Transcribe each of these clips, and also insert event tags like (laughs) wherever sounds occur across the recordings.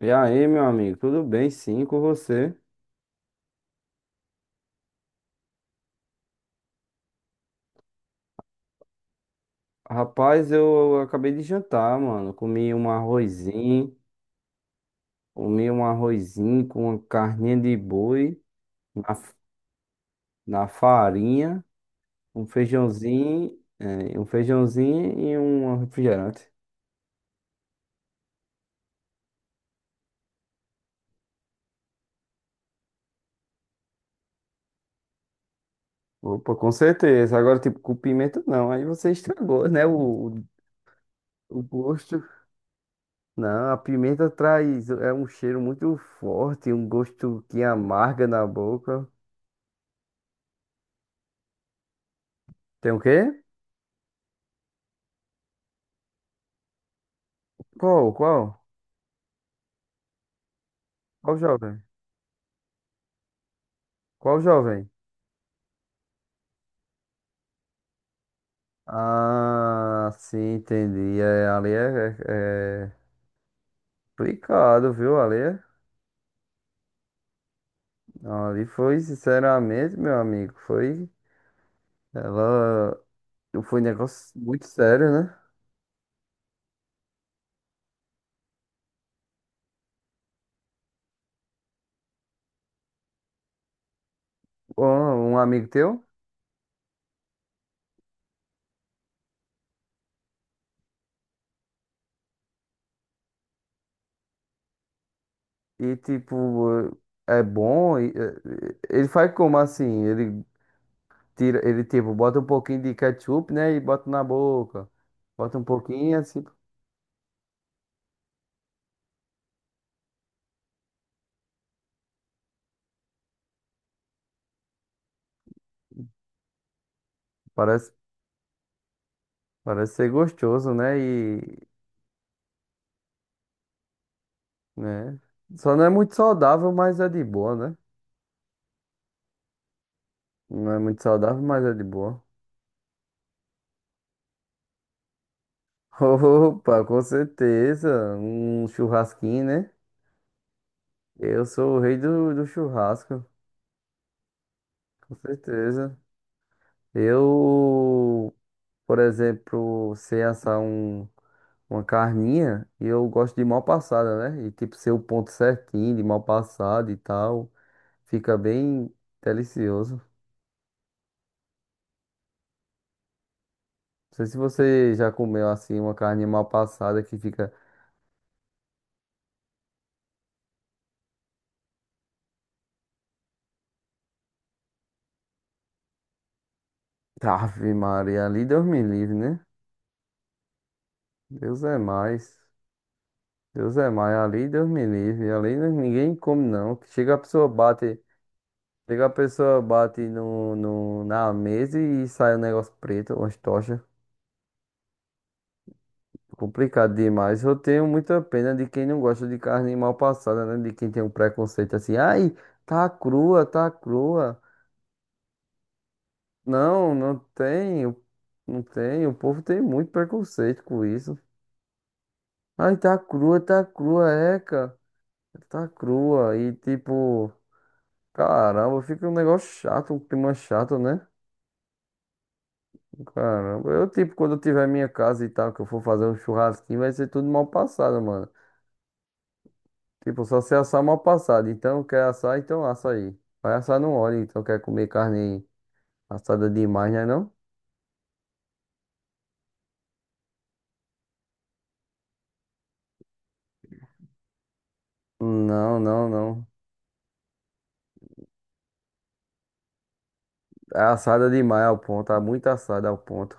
E aí, meu amigo, tudo bem? Sim, com você? Rapaz, eu acabei de jantar, mano. Comi um arrozinho com uma carninha de boi na, na farinha, um feijãozinho, é, um feijãozinho e um refrigerante. Opa, com certeza. Agora, tipo, com pimenta não. Aí você estragou, né? O gosto. Não, a pimenta traz, é um cheiro muito forte, um gosto que amarga na boca. Tem o quê? Qual? Qual? Qual jovem? Qual jovem? Ah, sim, entendi. É, ali é complicado, viu? Ali foi, sinceramente, meu amigo, foi. Ela. Foi um negócio muito sério, né? Um, um amigo teu. E, tipo, é bom. Ele faz como assim? Ele tira, ele, tipo, bota um pouquinho de ketchup, né? E bota na boca. Bota um pouquinho, assim. Parece, parece ser gostoso, né? Né? Só não é muito saudável, mas é de boa, né? Não é muito saudável, mas é de boa. (laughs) Opa, com certeza. Um churrasquinho, né? Eu sou o rei do churrasco, com certeza. Eu, por exemplo, sei assar uma carninha e eu gosto de mal passada, né? E tipo, ser o ponto certinho de mal passada e tal. Fica bem delicioso. Não sei se você já comeu assim uma carne mal passada que fica. Ave Maria, ali Deus me livre, né? Deus é mais. Deus é mais, ali Deus me livre. Ali não- Ninguém come, não. Chega a pessoa bate no, no, na mesa e sai um negócio preto, umas tochas. Complicado demais. Eu tenho muita pena de quem não gosta de carne mal passada, né? De quem tem um preconceito assim, ai, tá crua, tá crua. Não, não tem, o- não tem. O povo tem muito preconceito com isso. Ai, tá crua, é, cara. Tá crua e tipo, caramba, fica um negócio chato, um clima chato, né? Caramba, eu tipo, quando eu tiver minha casa e tal, que eu for fazer um churrasquinho, vai ser tudo mal passado, mano. Tipo, só se assar mal passado. Então, quer assar, então assa aí. Vai assar no óleo, então quer comer carne assada demais, né não? Não. É assada demais ao ponto, tá muito assada ao ponto.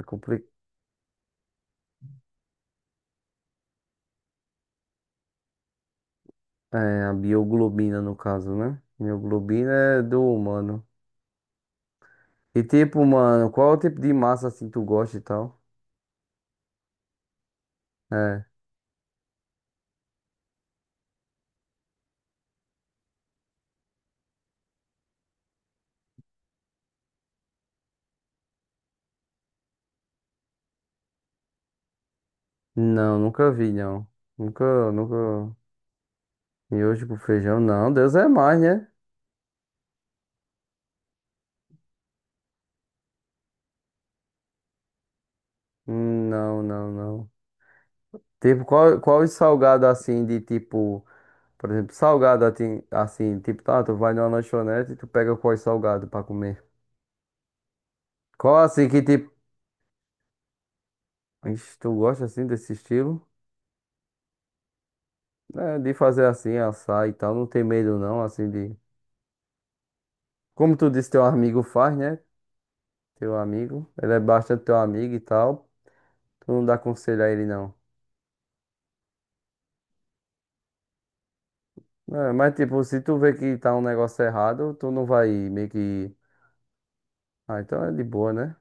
É complicado. É, a bioglobina no caso, né? Mioglobina é do humano. E tipo, mano, qual é o tipo de massa assim tu gosta e tal? É. Não, nunca vi, não. Nunca, nunca. Miojo com feijão, não. Deus é mais, né? Não, não, não. Tipo, qual, qual os salgados assim de tipo. Por exemplo, salgado assim, assim, tipo, tá, tu vai numa lanchonete e tu pega qual salgado pra comer. Qual assim que tipo. Ixi, tu gosta assim desse estilo? É, de fazer assim, assar e tal, não tem medo não, assim de. Como tu disse, teu amigo faz, né? Teu amigo. Ele é bastante teu amigo e tal. Tu não dá conselho a ele, não. É, mas, tipo, se tu vê que tá um negócio errado, tu não vai meio que. Ah, então é de boa, né?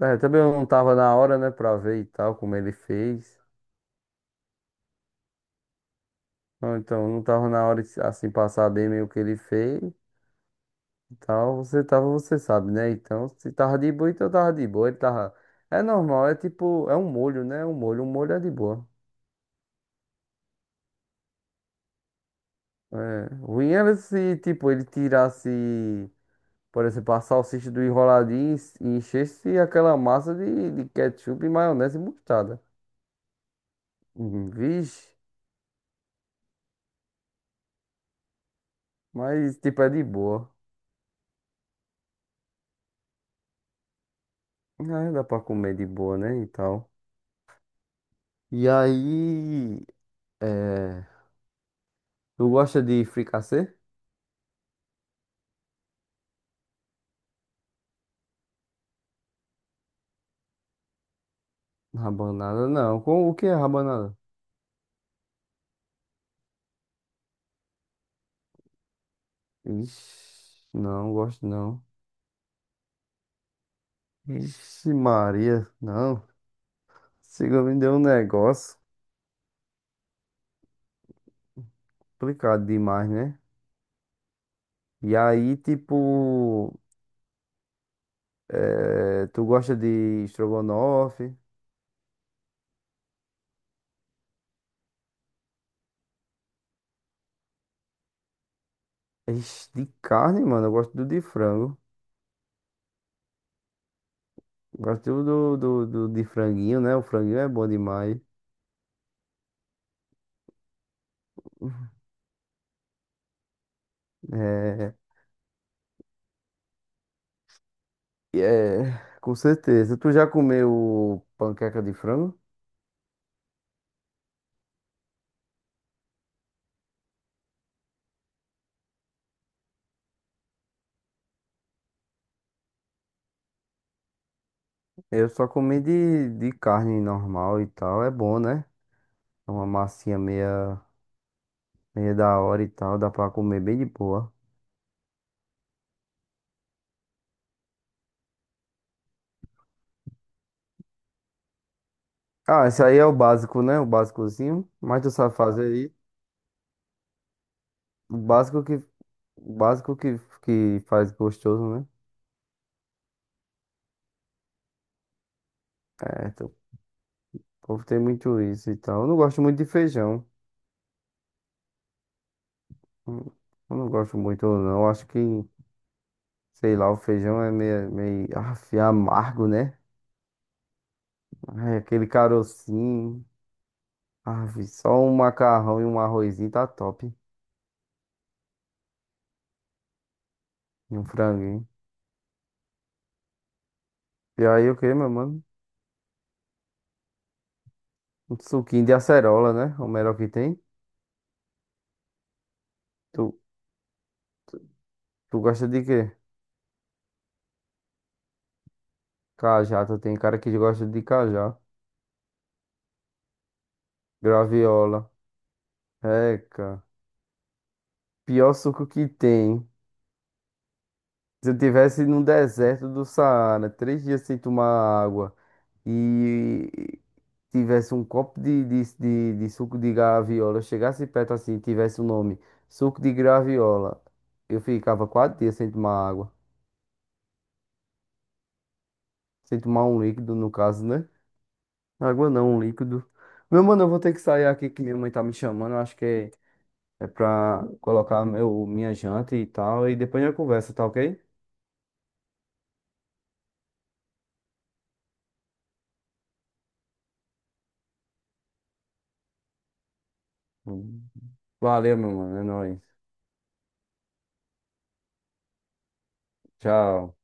É, também eu não tava na hora, né, pra ver e tal, como ele fez. Ou então, não tava na hora, de, assim, passar bem meio que ele fez e tal. Você tava, você sabe, né? Então, se tava de boa, então tava de boa. Ele tava. É normal, é tipo, é um molho, né? Um molho é de boa. É, ruim era se, tipo, ele tirasse. Por exemplo, a salsicha do enroladinho e encher-se aquela massa de ketchup, e maionese e mostarda. Vixe, mas tipo é de boa. Ah, dá pra comer de boa, né? E tal. E aí, é... tu gosta de fricassê? Rabanada não. Com o que é rabanada? Ixi, não gosto não. Ixi, Maria, não. Siga me deu um negócio complicado demais, né? E aí, tipo. É, tu gosta de estrogonofe? Ixi, de carne, mano, eu gosto do de frango. Gosto do de franguinho, né? O franguinho é bom demais. É, é, com certeza. Tu já comeu panqueca de frango? Eu só comi de carne normal e tal. É bom, né? É uma massinha meia da hora e tal. Dá pra comer bem de boa. Ah, esse aí é o básico, né? O básicozinho. Mas tu sabe fazer aí. O básico que, o básico que faz gostoso, né? É, então, o povo tem muito isso e tal. Eu não gosto muito de feijão. Hum, Eu não gosto muito, não. Eu acho que, sei lá, o feijão é meio, amargo, né? Ai, aquele carocinho. Ave, só um macarrão e um arrozinho tá top. E um franguinho. E aí, o que, meu mano? Um suquinho de acerola, né? É o melhor que tem. Tu, tu gosta de quê? Cajá, tu tem cara que gosta de cajá. Graviola. Eca. Pior suco que tem. Se eu tivesse no deserto do Saara, 3 dias sem tomar água e tivesse um copo de suco de graviola, eu chegasse perto assim, tivesse o nome suco de graviola, eu ficava 4 dias sem tomar água. Sem tomar um líquido, no caso, né? Água não, um líquido. Meu mano, eu vou ter que sair aqui que minha mãe tá me chamando. Eu acho que é, é pra colocar meu, minha janta e tal. E depois a gente conversa, tá ok? Valeu, meu mano. É nóis. Tchau.